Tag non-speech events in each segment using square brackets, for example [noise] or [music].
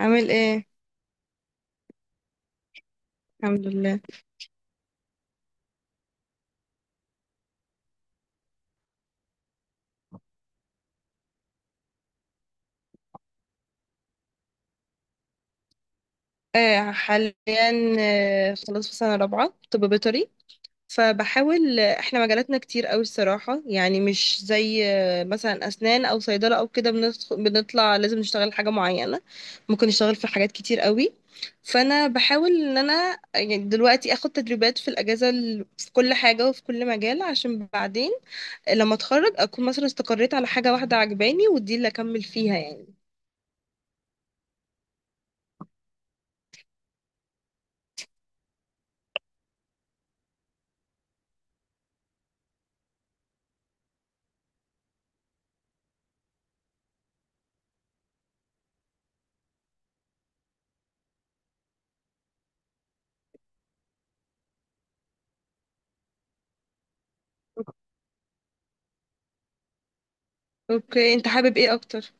عامل ايه؟ الحمد لله. حاليا. خلاص، في سنة رابعة طب بيطري. فبحاول احنا مجالاتنا كتير قوي الصراحة، يعني مش زي مثلا أسنان أو صيدلة أو كده، بنطلع لازم نشتغل حاجة معينة. ممكن نشتغل في حاجات كتير قوي. فأنا بحاول إن أنا يعني دلوقتي أخد تدريبات في الأجازة في كل حاجة وفي كل مجال، عشان بعدين لما أتخرج أكون مثلا استقريت على حاجة واحدة عجباني، ودي اللي أكمل فيها، يعني. أوكي، أنت حابب ايه أكتر؟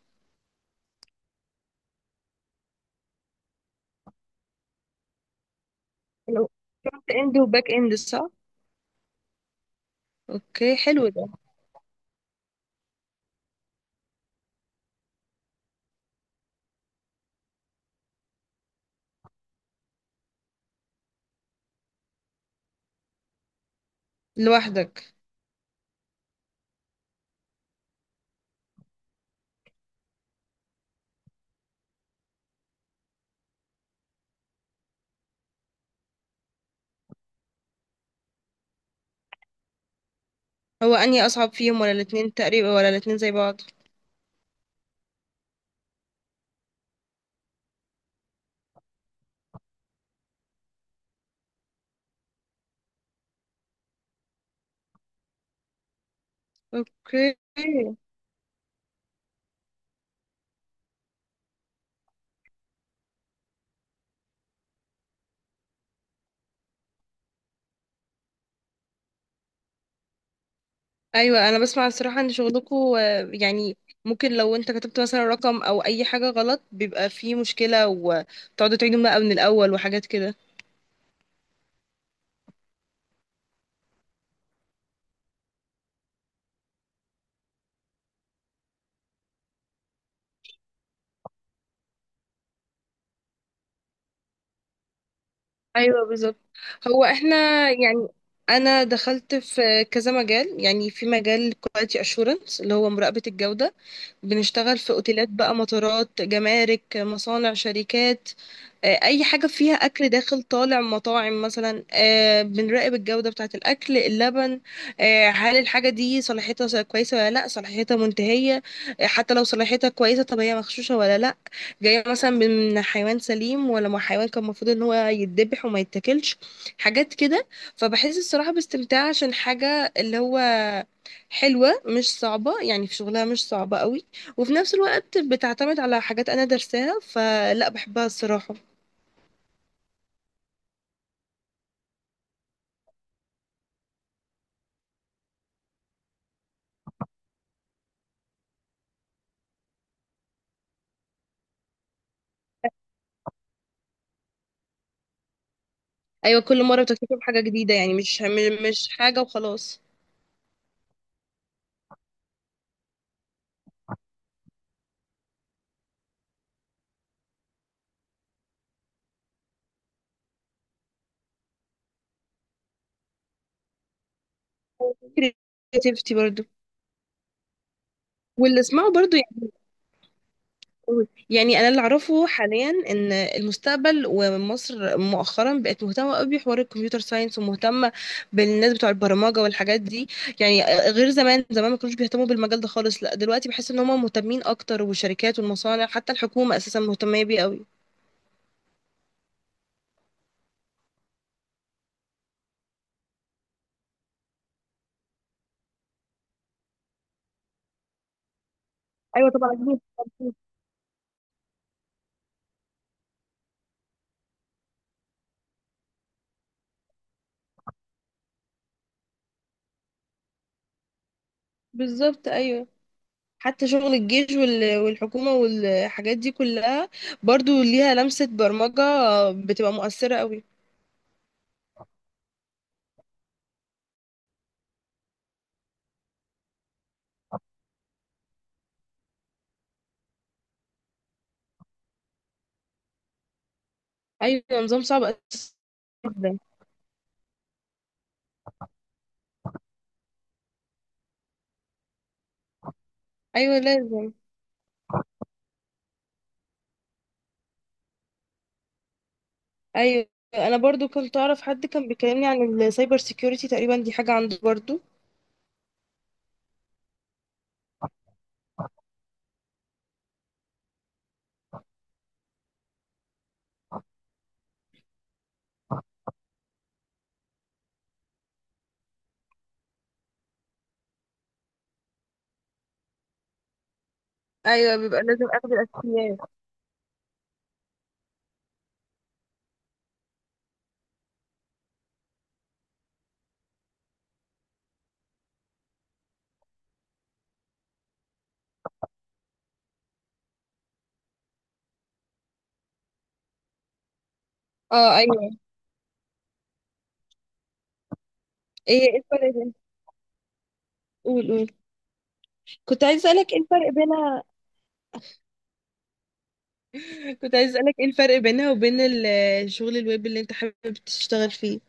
حلو. فرونت اند وباك اند، صح؟ اوكي، حلو ده. لوحدك. هو انهي اصعب فيهم، ولا الاتنين تقريبا، ولا الاتنين زي بعض؟ اوكي. ايوه، انا بسمع الصراحه ان شغلكم، يعني، ممكن لو انت كتبت مثلا رقم او اي حاجه غلط بيبقى فيه مشكله وتقعدوا تعيدوا بقى من الاول وحاجات كده. ايوه بالظبط. هو احنا، يعني، انا دخلت في كذا مجال، يعني في مجال كواليتي اشورنس اللي هو مراقبه الجوده. بنشتغل في اوتيلات بقى، مطارات، جمارك، مصانع، شركات. اي حاجه فيها اكل داخل طالع، مطاعم مثلا. بنراقب الجوده بتاعه الاكل، اللبن. هل الحاجه دي صلاحيتها كويسه ولا لا، صلاحيتها منتهيه؟ حتى لو صلاحيتها كويسه، طب هي مغشوشه ولا لا، جايه مثلا من حيوان سليم ولا من حيوان كان المفروض ان هو يتذبح وما يتاكلش، حاجات كده. فبحس الصراحه باستمتاع عشان حاجه اللي هو حلوة، مش صعبة، يعني في شغلها مش صعبة قوي، وفي نفس الوقت بتعتمد على حاجات أنا درساها، فلا بحبها الصراحة. أيوة، كل مرة بتكتسب حاجة جديدة، يعني مش حاجة وخلاص. creativity برضو. واللي اسمعه برضو، يعني انا اللي اعرفه حاليا ان المستقبل، ومصر مؤخرا بقت مهتمه قوي بحوار الكمبيوتر ساينس، ومهتمه بالناس بتوع البرمجه والحاجات دي. يعني غير زمان، زمان ما كانوش بيهتموا بالمجال ده خالص، لا دلوقتي بحس ان هم مهتمين اكتر، والشركات والمصانع حتى الحكومه اساسا مهتمه بيه قوي. ايوه طبعا أكيد. أكيد. بالظبط ايوه. حتى شغل الجيش والحكومه والحاجات دي كلها، برضو ليها لمسه برمجه، بتبقى مؤثره قوي. ايوه، نظام صعب اساسا. ايوه لازم. ايوه، انا برضو كنت اعرف حد كان بيكلمني عن السايبر سيكيورتي تقريبا، دي حاجه عنده برضو. ايوه، بيبقى لازم اخد الاساسيات. اه ايوه. ايه الفرق بين... قول قول. كنت عايز اسالك ايه الفرق بينها. [laughs] كنت عايز اسالك ايه الفرق بينها وبين شغل الويب اللي انت حابب تشتغل فيه.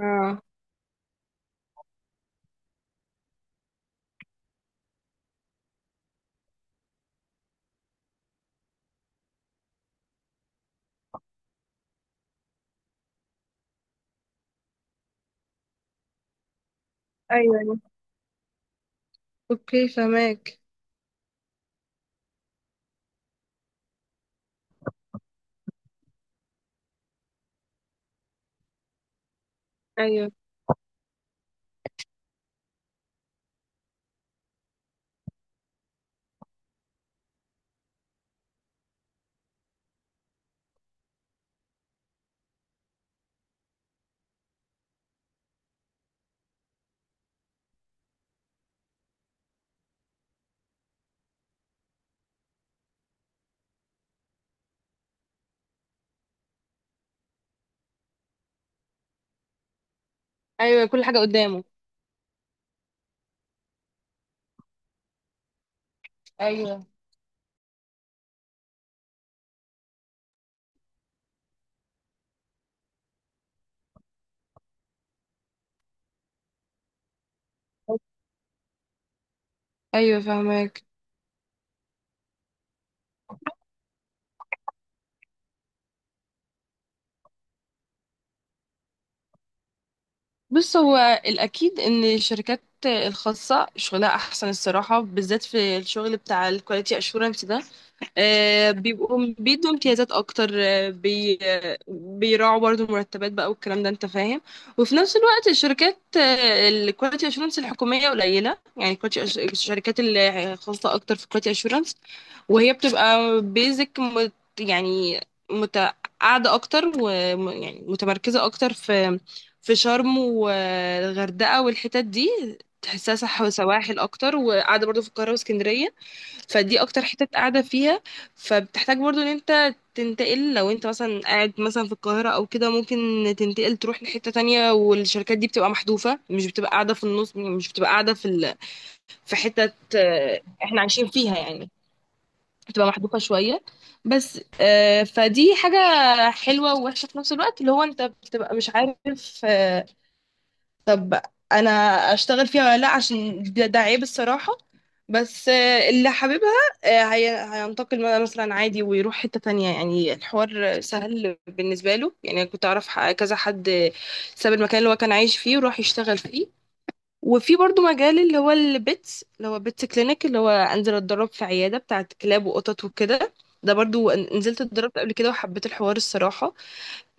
اه ايوه أيوة. اوكي، فهماك. ايوه، ايوه كل حاجه قدامه. ايوه ايوه، فهماك. بص، هو الأكيد إن الشركات الخاصة شغلها أحسن الصراحة، بالذات في الشغل بتاع الكواليتي أشورنس ده. بيبقوا بيدوا امتيازات اكتر، آه، بي آه، بيراعوا برضو المرتبات بقى والكلام ده، انت فاهم. وفي نفس الوقت الشركات الكواليتي اشورنس الحكوميه قليله، يعني الشركات اللي خاصه اكتر في الكواليتي اشورنس، وهي بتبقى بيزك مت، يعني مت قاعده اكتر، ويعني متمركزه اكتر في شرم والغردقه والحتت دي، تحسها صح، وسواحل اكتر، وقاعده برضو في القاهره واسكندريه. فدي اكتر حتة قاعدة فيها. فبتحتاج برضو ان انت تنتقل، لو انت مثلا قاعد مثلا في القاهرة او كده ممكن تنتقل تروح لحتة تانية، والشركات دي بتبقى محذوفة، مش بتبقى قاعدة في النص، مش بتبقى قاعدة في حتة احنا عايشين فيها، يعني، بتبقى محذوفة شوية. بس فدي حاجة حلوة ووحشة في نفس الوقت، اللي هو انت بتبقى مش عارف، آه، طب انا اشتغل فيها ولا لا، عشان ده عيب الصراحة. بس اللي حاببها هي هينتقل مثلا عادي ويروح حتة تانية، يعني الحوار سهل بالنسبة له. يعني أنا كنت أعرف كذا حد ساب المكان اللي هو كان عايش فيه وراح يشتغل فيه. وفي برضو مجال اللي هو البيتس، اللي هو بيتس كلينيك، اللي هو أنزل أتدرب في عيادة بتاعة كلاب وقطط وكده. ده برضو نزلت اتدربت قبل كده وحبيت الحوار الصراحة.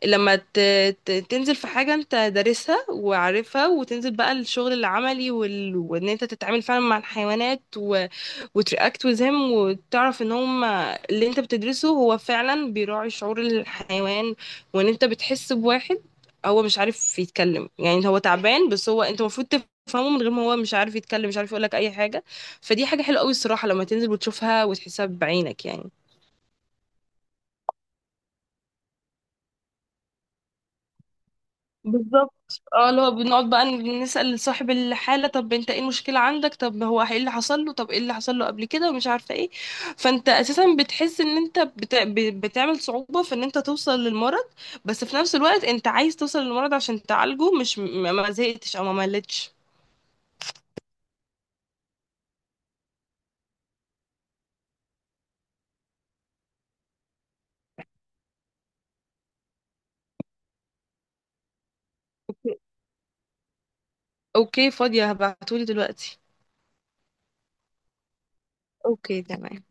لما تنزل في حاجة انت دارسها وعارفها، وتنزل بقى الشغل العملي وان انت تتعامل فعلا مع الحيوانات وترياكت وزهم، وتعرف ان هم اللي انت بتدرسه هو فعلا بيراعي شعور الحيوان، وان انت بتحس بواحد هو مش عارف يتكلم، يعني هو تعبان، بس هو انت المفروض تفهمه من غير ما، هو مش عارف يتكلم، مش عارف يقولك اي حاجة. فدي حاجة حلوة قوي الصراحة لما تنزل وتشوفها وتحسها بعينك، يعني. بالظبط اه، اللي هو بنقعد بقى نسأل صاحب الحالة، طب انت ايه المشكلة عندك، طب هو ايه اللي حصل له، طب ايه اللي حصل له قبل كده ومش عارفة ايه. فانت اساسا بتحس ان انت بتعمل صعوبة في ان انت توصل للمرض، بس في نفس الوقت انت عايز توصل للمرض عشان تعالجه، مش ما زهقتش او ما ملتش. اوكي. اوكي، فاضية هبعتولي دلوقتي. اوكي تمام.